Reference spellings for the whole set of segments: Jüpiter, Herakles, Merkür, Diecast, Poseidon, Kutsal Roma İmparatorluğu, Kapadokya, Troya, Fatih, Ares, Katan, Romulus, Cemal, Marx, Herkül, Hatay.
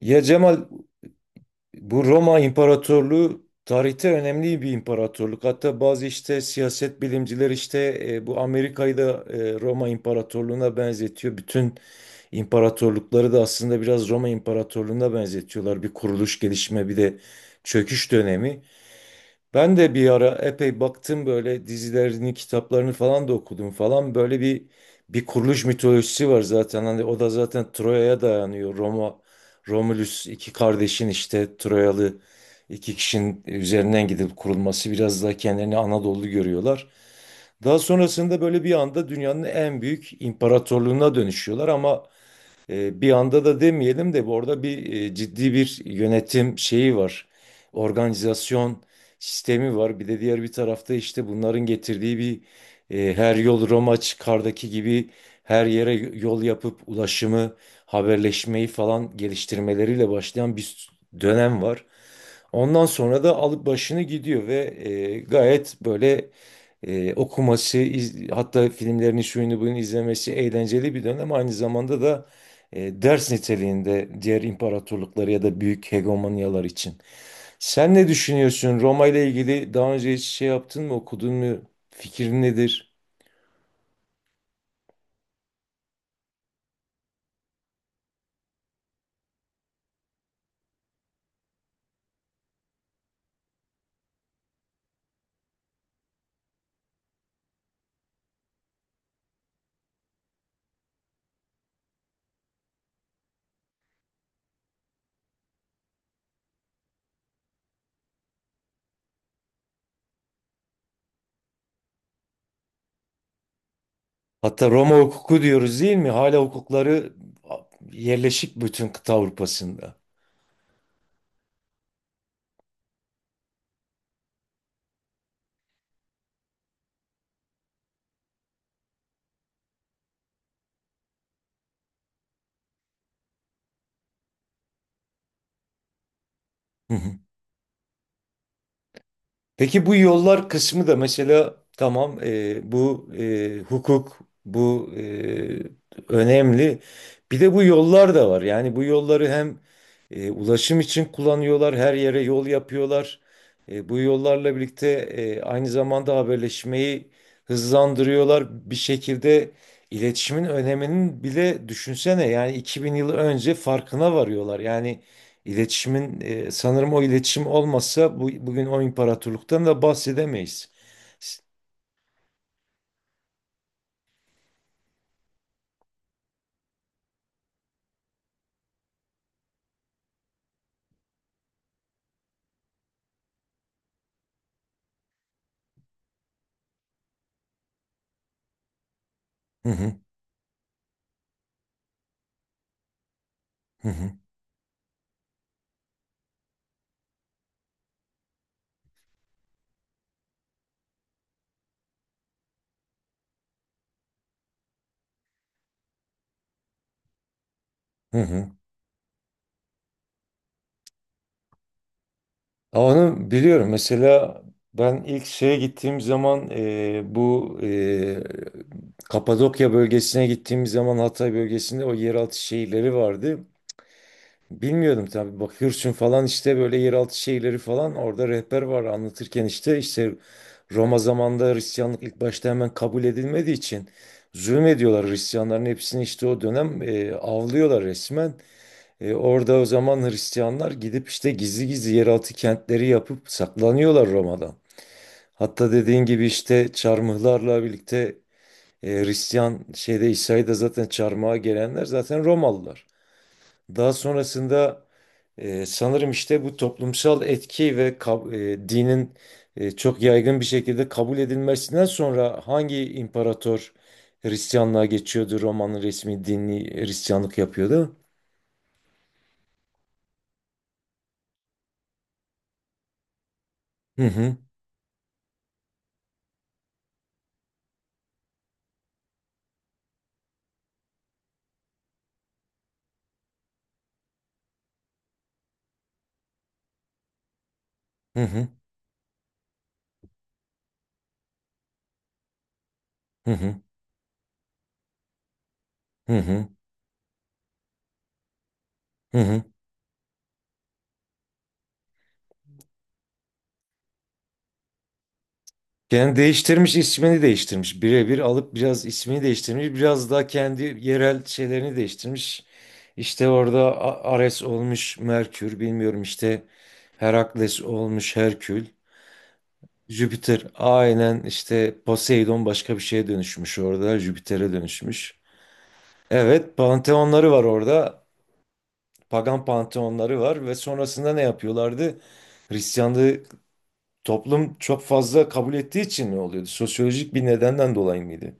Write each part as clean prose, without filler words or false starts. Ya Cemal, bu Roma İmparatorluğu tarihte önemli bir imparatorluk. Hatta bazı siyaset bilimciler bu Amerika'yı da Roma İmparatorluğu'na benzetiyor. Bütün imparatorlukları da aslında biraz Roma İmparatorluğu'na benzetiyorlar. Bir kuruluş, gelişme, bir de çöküş dönemi. Ben de bir ara epey baktım, böyle dizilerini, kitaplarını falan da okudum falan. Böyle bir kuruluş mitolojisi var zaten. Hani o da zaten Troya'ya dayanıyor. Roma, Romulus iki kardeşin işte Troyalı iki kişinin üzerinden gidip kurulması, biraz daha kendilerini Anadolu görüyorlar. Daha sonrasında böyle bir anda dünyanın en büyük imparatorluğuna dönüşüyorlar ama bir anda da demeyelim de, bu arada ciddi bir yönetim şeyi var. Organizasyon sistemi var. Bir de diğer bir tarafta işte bunların getirdiği bir her yol Roma çıkardaki gibi her yere yol yapıp ulaşımı, haberleşmeyi falan geliştirmeleriyle başlayan bir dönem var. Ondan sonra da alıp başını gidiyor ve gayet böyle, okuması, hatta filmlerini şuyunu bunu izlemesi eğlenceli bir dönem. Aynı zamanda da ders niteliğinde diğer imparatorlukları ya da büyük hegemonyalar için. Sen ne düşünüyorsun? Roma ile ilgili daha önce hiç şey yaptın mı, okudun mu? Fikrin nedir? Hatta Roma hukuku diyoruz değil mi? Hala hukukları yerleşik bütün kıta Avrupa'sında. Peki bu yollar kısmı da mesela tamam, bu hukuk bu e, önemli. Bir de bu yollar da var. Yani bu yolları hem ulaşım için kullanıyorlar, her yere yol yapıyorlar. Bu yollarla birlikte aynı zamanda haberleşmeyi hızlandırıyorlar. Bir şekilde iletişimin öneminin bile, düşünsene, yani 2000 yıl önce farkına varıyorlar. Yani İletişimin sanırım o iletişim olmasa bu, bugün o imparatorluktan da bahsedemeyiz. Hı hı, hı hı, hı hı. Ama onu biliyorum. Mesela ben ilk şeye gittiğim zaman, bu Kapadokya bölgesine gittiğim zaman, Hatay bölgesinde o yeraltı şehirleri vardı. Bilmiyordum tabii. Bakıyorsun falan işte, böyle yeraltı şeyleri falan, orada rehber var anlatırken, işte Roma zamanında Hristiyanlık ilk başta hemen kabul edilmediği için zulmediyorlar, Hristiyanların hepsini işte o dönem avlıyorlar resmen. E, orada o zaman Hristiyanlar gidip işte gizli gizli yeraltı kentleri yapıp saklanıyorlar Roma'dan. Hatta dediğin gibi işte çarmıhlarla birlikte, Hristiyan şeyde İsa'yı da zaten çarmıha gelenler zaten Romalılar. Daha sonrasında sanırım işte bu toplumsal etki ve dinin, çok yaygın bir şekilde kabul edilmesinden sonra, hangi imparator Hristiyanlığa geçiyordu? Roma'nın resmi dini Hristiyanlık yapıyordu. Hı hı, hı hı, hı hı, hı hı. Hı hı. Yani değiştirmiş, ismini değiştirmiş. Birebir alıp biraz ismini değiştirmiş. Biraz daha kendi yerel şeylerini değiştirmiş. İşte orada Ares olmuş, Merkür bilmiyorum, işte Herakles olmuş Herkül. Jüpiter, aynen işte, Poseidon başka bir şeye dönüşmüş orada. Jüpiter'e dönüşmüş. Evet, panteonları var orada. Pagan panteonları var ve sonrasında ne yapıyorlardı? Hristiyanlığı toplum çok fazla kabul ettiği için ne oluyordu? Sosyolojik bir nedenden dolayı mıydı?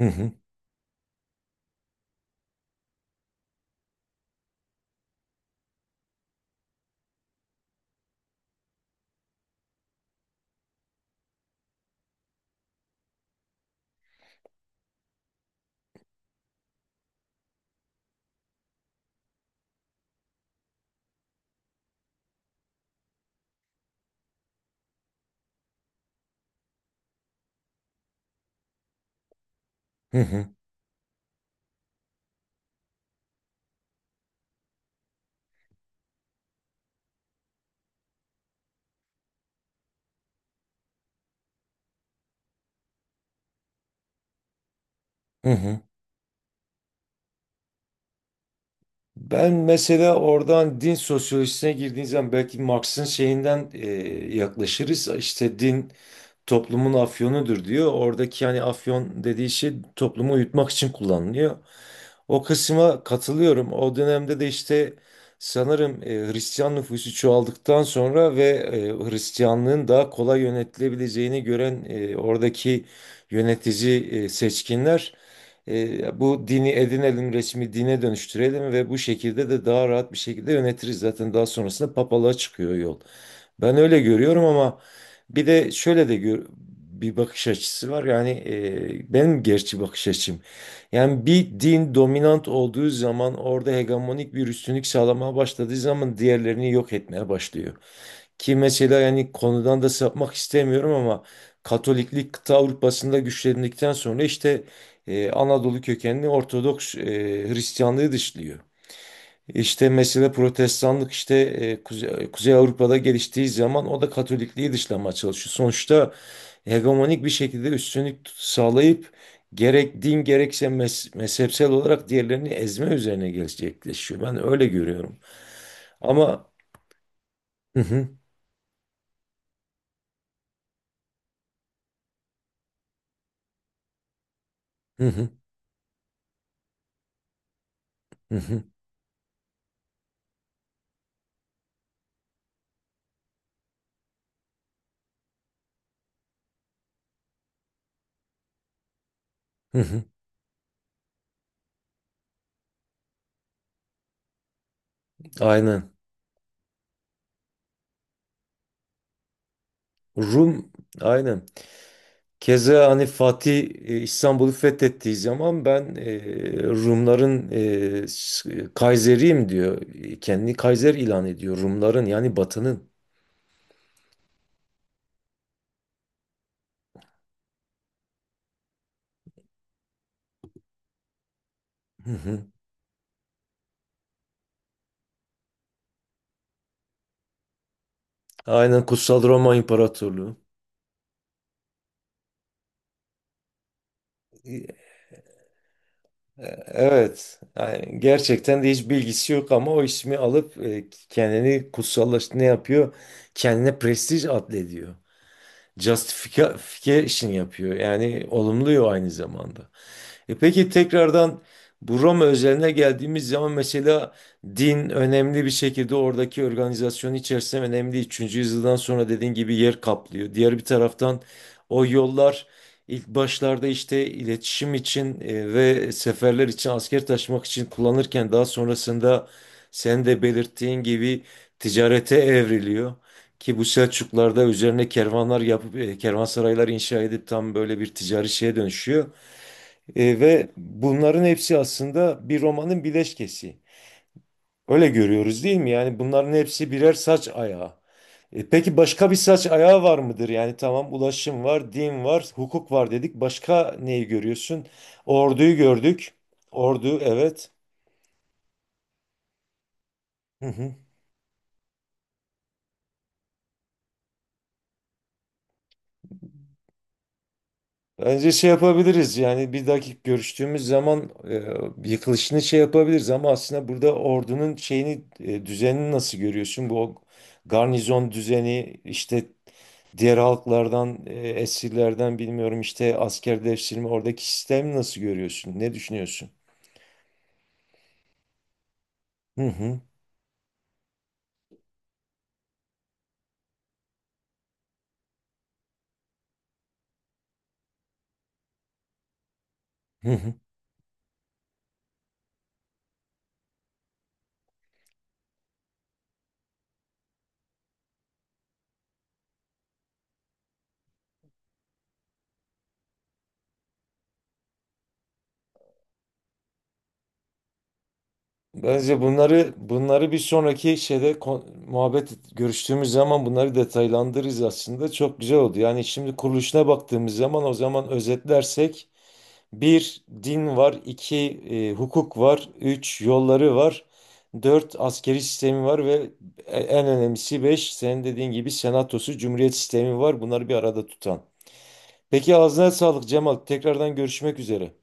Hı hı, hı hı, hı. Ben mesela oradan din sosyolojisine girdiğiniz zaman, belki Marx'ın şeyinden yaklaşırız. İşte din toplumun afyonudur diyor. Oradaki yani afyon dediği şey toplumu uyutmak için kullanılıyor. O kısma katılıyorum. O dönemde de işte sanırım, Hristiyan nüfusu çoğaldıktan sonra ve Hristiyanlığın daha kolay yönetilebileceğini gören oradaki yönetici seçkinler, bu dini edinelim, resmi dine dönüştürelim ve bu şekilde de daha rahat bir şekilde yönetiriz. Zaten daha sonrasında papalığa çıkıyor yol. Ben öyle görüyorum ama bir de şöyle de bir bakış açısı var. Yani benim gerçi bakış açım. Yani bir din dominant olduğu zaman, orada hegemonik bir üstünlük sağlamaya başladığı zaman, diğerlerini yok etmeye başlıyor. Ki mesela, yani konudan da sapmak istemiyorum ama, Katoliklik kıta Avrupa'sında güçlendikten sonra işte, Anadolu kökenli Ortodoks Hristiyanlığı dışlıyor. İşte mesela Protestanlık işte, Kuzey Avrupa'da geliştiği zaman o da Katolikliği dışlamaya çalışıyor. Sonuçta hegemonik bir şekilde üstünlük sağlayıp, gerek din gerekse mezhepsel olarak diğerlerini ezme üzerine gerçekleşiyor. Ben öyle görüyorum. Ama hı hı, hı hı, hı hı, hı hı. Aynen. Rum, aynen. Keza hani Fatih, İstanbul'u fethettiği zaman ben Rumların, Kaiseriyim diyor. E, kendini Kaiser ilan ediyor. Rumların yani Batı'nın. Hı hı. Aynen, Kutsal Roma İmparatorluğu. E, Evet. Yani gerçekten de hiç bilgisi yok ama o ismi alıp kendini kutsallaştı, ne yapıyor? Kendine prestij atfediyor. Justification yapıyor. Yani olumluyor aynı zamanda. E peki, tekrardan bu Roma özeline geldiğimiz zaman mesela, din önemli bir şekilde oradaki organizasyon içerisinde önemli. 3. yüzyıldan sonra dediğin gibi yer kaplıyor. Diğer bir taraftan o yollar ilk başlarda işte iletişim için ve seferler için asker taşımak için kullanırken, daha sonrasında sen de belirttiğin gibi ticarete evriliyor. Ki bu Selçuklarda üzerine kervanlar yapıp kervansaraylar inşa edip tam böyle bir ticari şeye dönüşüyor. E, ve bunların hepsi aslında bir romanın bileşkesi. Öyle görüyoruz değil mi? Yani bunların hepsi birer saç ayağı. E peki, başka bir saç ayağı var mıdır? Yani tamam, ulaşım var, din var, hukuk var dedik. Başka neyi görüyorsun? Orduyu gördük. Ordu, evet. Hı hı. Bence şey yapabiliriz, yani bir dakika görüştüğümüz zaman yıkılışını şey yapabiliriz ama aslında burada ordunun şeyini, düzenini nasıl görüyorsun? Bu garnizon düzeni işte, diğer halklardan, esirlerden bilmiyorum, işte askerleştirme, oradaki sistemi nasıl görüyorsun? Ne düşünüyorsun? Hı hı. Hı hı. Bence bunları bir sonraki şeyde muhabbet görüştüğümüz zaman bunları detaylandırırız aslında. Çok güzel oldu. Yani şimdi kuruluşuna baktığımız zaman, o zaman özetlersek, bir din var, iki hukuk var, üç yolları var, dört askeri sistemi var ve en önemlisi beş, senin dediğin gibi senatosu, cumhuriyet sistemi var. Bunları bir arada tutan. Peki, ağzına sağlık Cemal. Tekrardan görüşmek üzere.